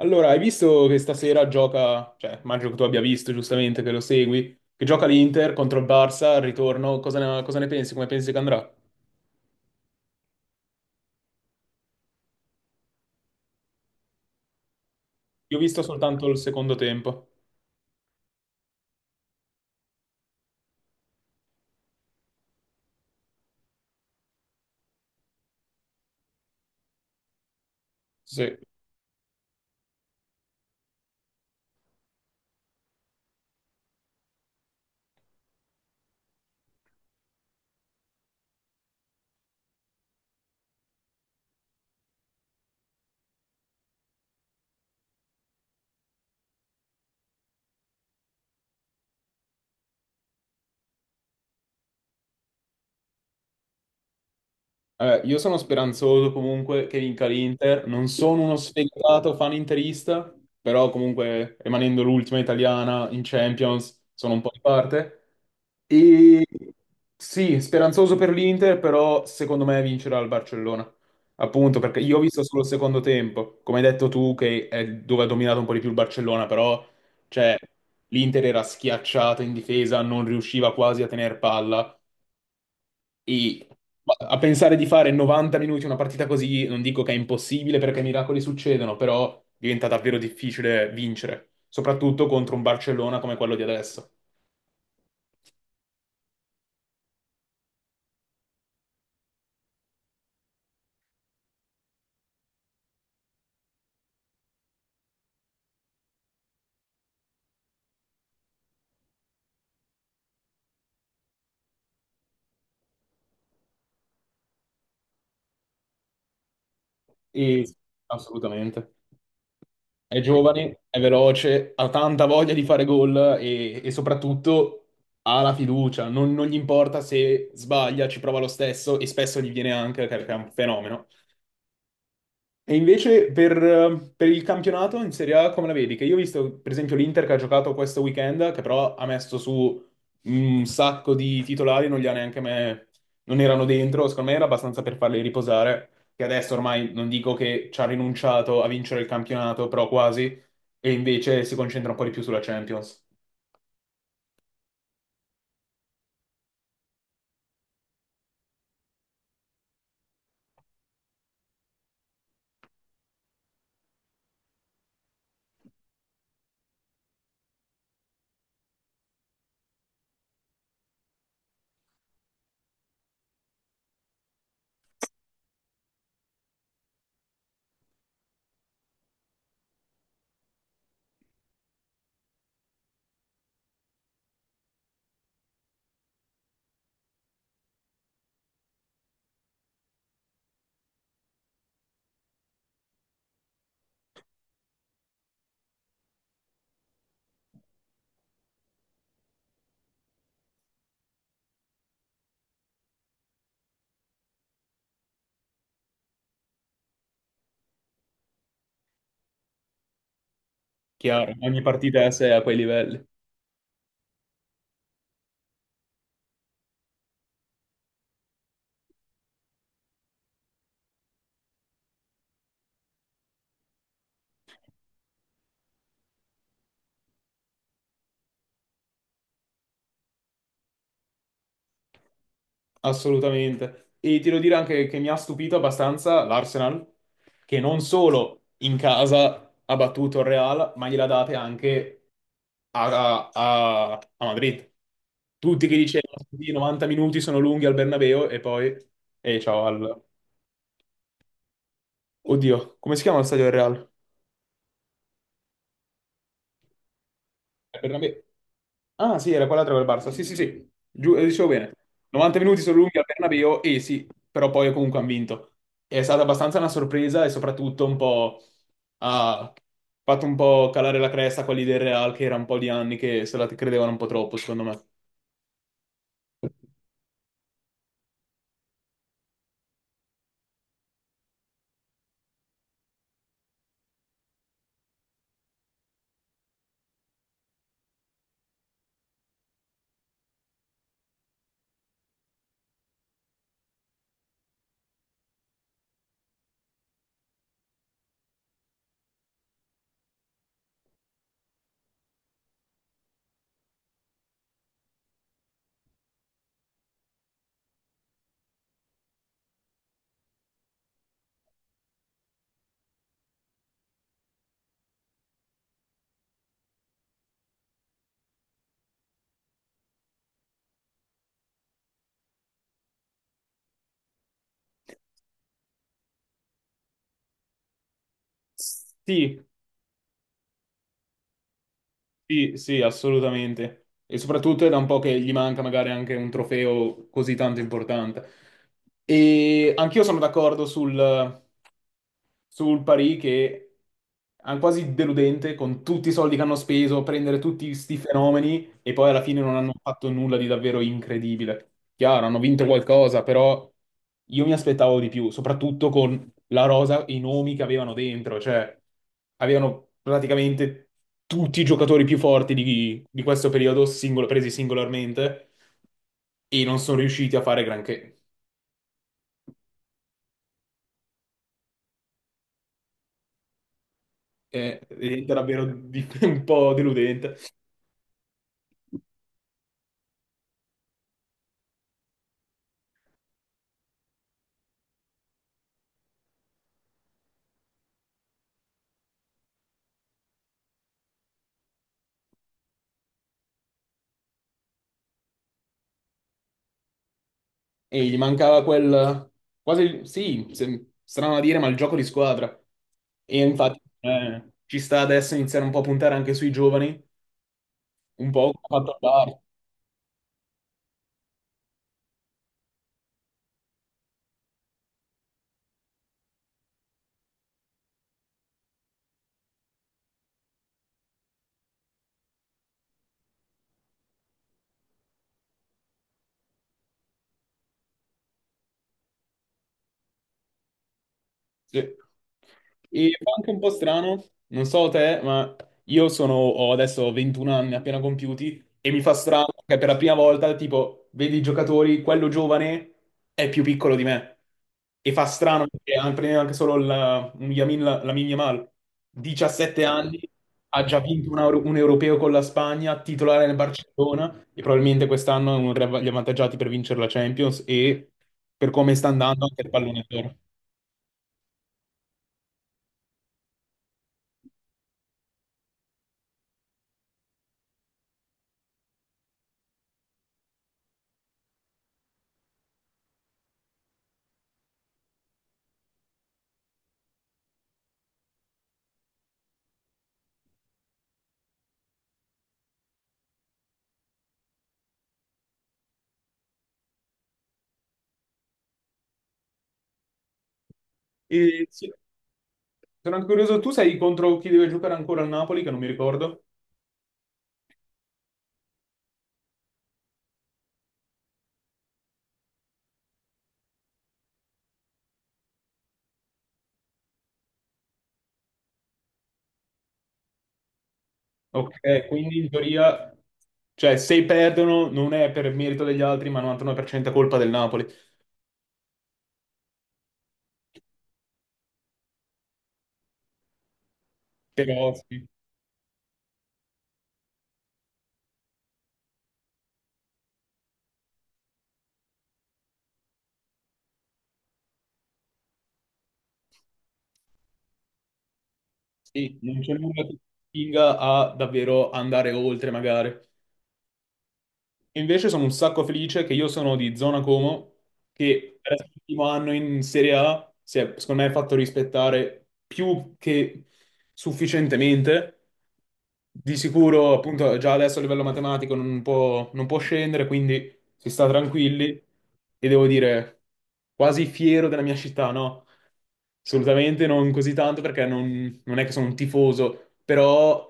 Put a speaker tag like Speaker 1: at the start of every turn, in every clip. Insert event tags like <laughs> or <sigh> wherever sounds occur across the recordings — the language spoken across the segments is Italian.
Speaker 1: Allora, hai visto che stasera gioca, cioè, immagino che tu abbia visto giustamente che lo segui, che gioca l'Inter contro il Barça al ritorno, cosa ne pensi? Come pensi che andrà? Io ho visto soltanto il secondo tempo. Sì. Io sono speranzoso comunque che vinca l'Inter, non sono uno sfegatato fan interista, però comunque rimanendo l'ultima italiana in Champions sono un po' di parte. E sì, speranzoso per l'Inter, però secondo me vincerà il Barcellona. Appunto, perché io ho visto solo il secondo tempo, come hai detto tu, che è dove ha dominato un po' di più il Barcellona, però cioè, l'Inter era schiacciata in difesa, non riusciva quasi a tenere palla. E a pensare di fare 90 minuti una partita così, non dico che è impossibile perché miracoli succedono, però diventa davvero difficile vincere, soprattutto contro un Barcellona come quello di adesso. E assolutamente. È giovane, è veloce, ha tanta voglia di fare gol e soprattutto ha la fiducia. Non gli importa se sbaglia, ci prova lo stesso e spesso gli viene anche perché è un fenomeno. E invece per il campionato in Serie A come la vedi? Che io ho visto per esempio l'Inter che ha giocato questo weekend, che però ha messo su un sacco di titolari, non li ha neanche me, non erano dentro, secondo me era abbastanza per farli riposare, che adesso ormai non dico che ci ha rinunciato a vincere il campionato, però quasi, e invece si concentra un po' di più sulla Champions. Chiaro, ogni partita è a sé a quei livelli. Assolutamente. E ti devo dire anche che mi ha stupito abbastanza l'Arsenal, che non solo in casa ha battuto il Real, ma gliela date anche a Madrid. Tutti che dicevano: "Sì, 90 minuti sono lunghi al Bernabeu e poi... E ciao al... Oddio, come si chiama lo stadio del Real?" Bernabé. Ah, sì, era quell'altra col Barça. Sì, sì, sì. Giù, dicevo bene. 90 minuti sono lunghi al Bernabéu e sì, però poi comunque hanno vinto. È stata abbastanza una sorpresa e soprattutto un po' ha fatto un po' calare la cresta a quelli del Real, che era un po' di anni che se la credevano un po' troppo, secondo me. Sì, sì, sì, assolutamente. E soprattutto è da un po' che gli manca magari anche un trofeo così tanto importante. E anch'io sono d'accordo sul Paris, che è quasi deludente con tutti i soldi che hanno speso, prendere tutti sti fenomeni e poi alla fine non hanno fatto nulla di davvero incredibile. Chiaro, hanno vinto qualcosa, però io mi aspettavo di più, soprattutto con la rosa e i nomi che avevano dentro, cioè avevano praticamente tutti i giocatori più forti di questo periodo, singolo- presi singolarmente, e non sono riusciti a fare granché. È davvero di- <laughs> un po' deludente. E gli mancava quel... quasi... sì, se- strano da dire, ma il gioco di squadra. E infatti ci sta adesso iniziare un po' a puntare anche sui giovani, un po' come ha fatto il Barça. Sì. E fa anche un po' strano, non so te, ma io sono, ho adesso 21 anni appena compiuti e mi fa strano che per la prima volta, tipo, vedi i giocatori, quello giovane è più piccolo di me. E fa strano perché an- prendendo anche solo la, un Yamin, la, Lamine Yamal, 17 anni, ha già vinto un, euro- un europeo con la Spagna, titolare nel Barcellona e probabilmente quest'anno è uno degli av- gli avvantaggiati per vincere la Champions e per come sta andando anche il pallone d'oro. E sì, sono anche curioso, tu sai contro chi deve giocare ancora al Napoli, che non mi ricordo. Ok, quindi in teoria, cioè se perdono non è per merito degli altri, ma 99% è colpa del Napoli. Però sì, sì, non c'è nulla che spinga a davvero andare oltre, magari. Invece sono un sacco felice che io sono di zona Como, che per essere l'ultimo anno in Serie A si è, secondo me, fatto rispettare più che sufficientemente. Di sicuro, appunto, già adesso a livello matematico non può scendere, quindi si sta tranquilli e devo dire quasi fiero della mia città, no? Assolutamente non così tanto perché non è che sono un tifoso, però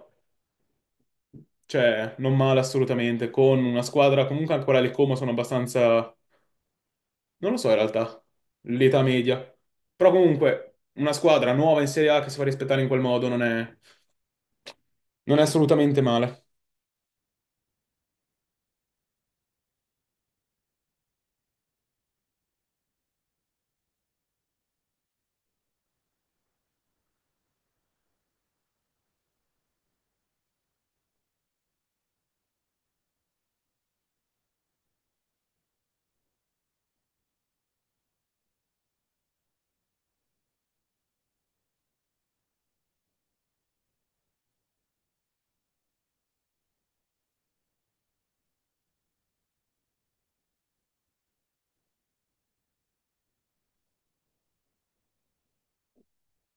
Speaker 1: cioè, non male assolutamente, con una squadra comunque ancora le Como sono abbastanza, non lo so in realtà, l'età media. Però comunque una squadra nuova in Serie A che si fa rispettare in quel modo non è assolutamente male.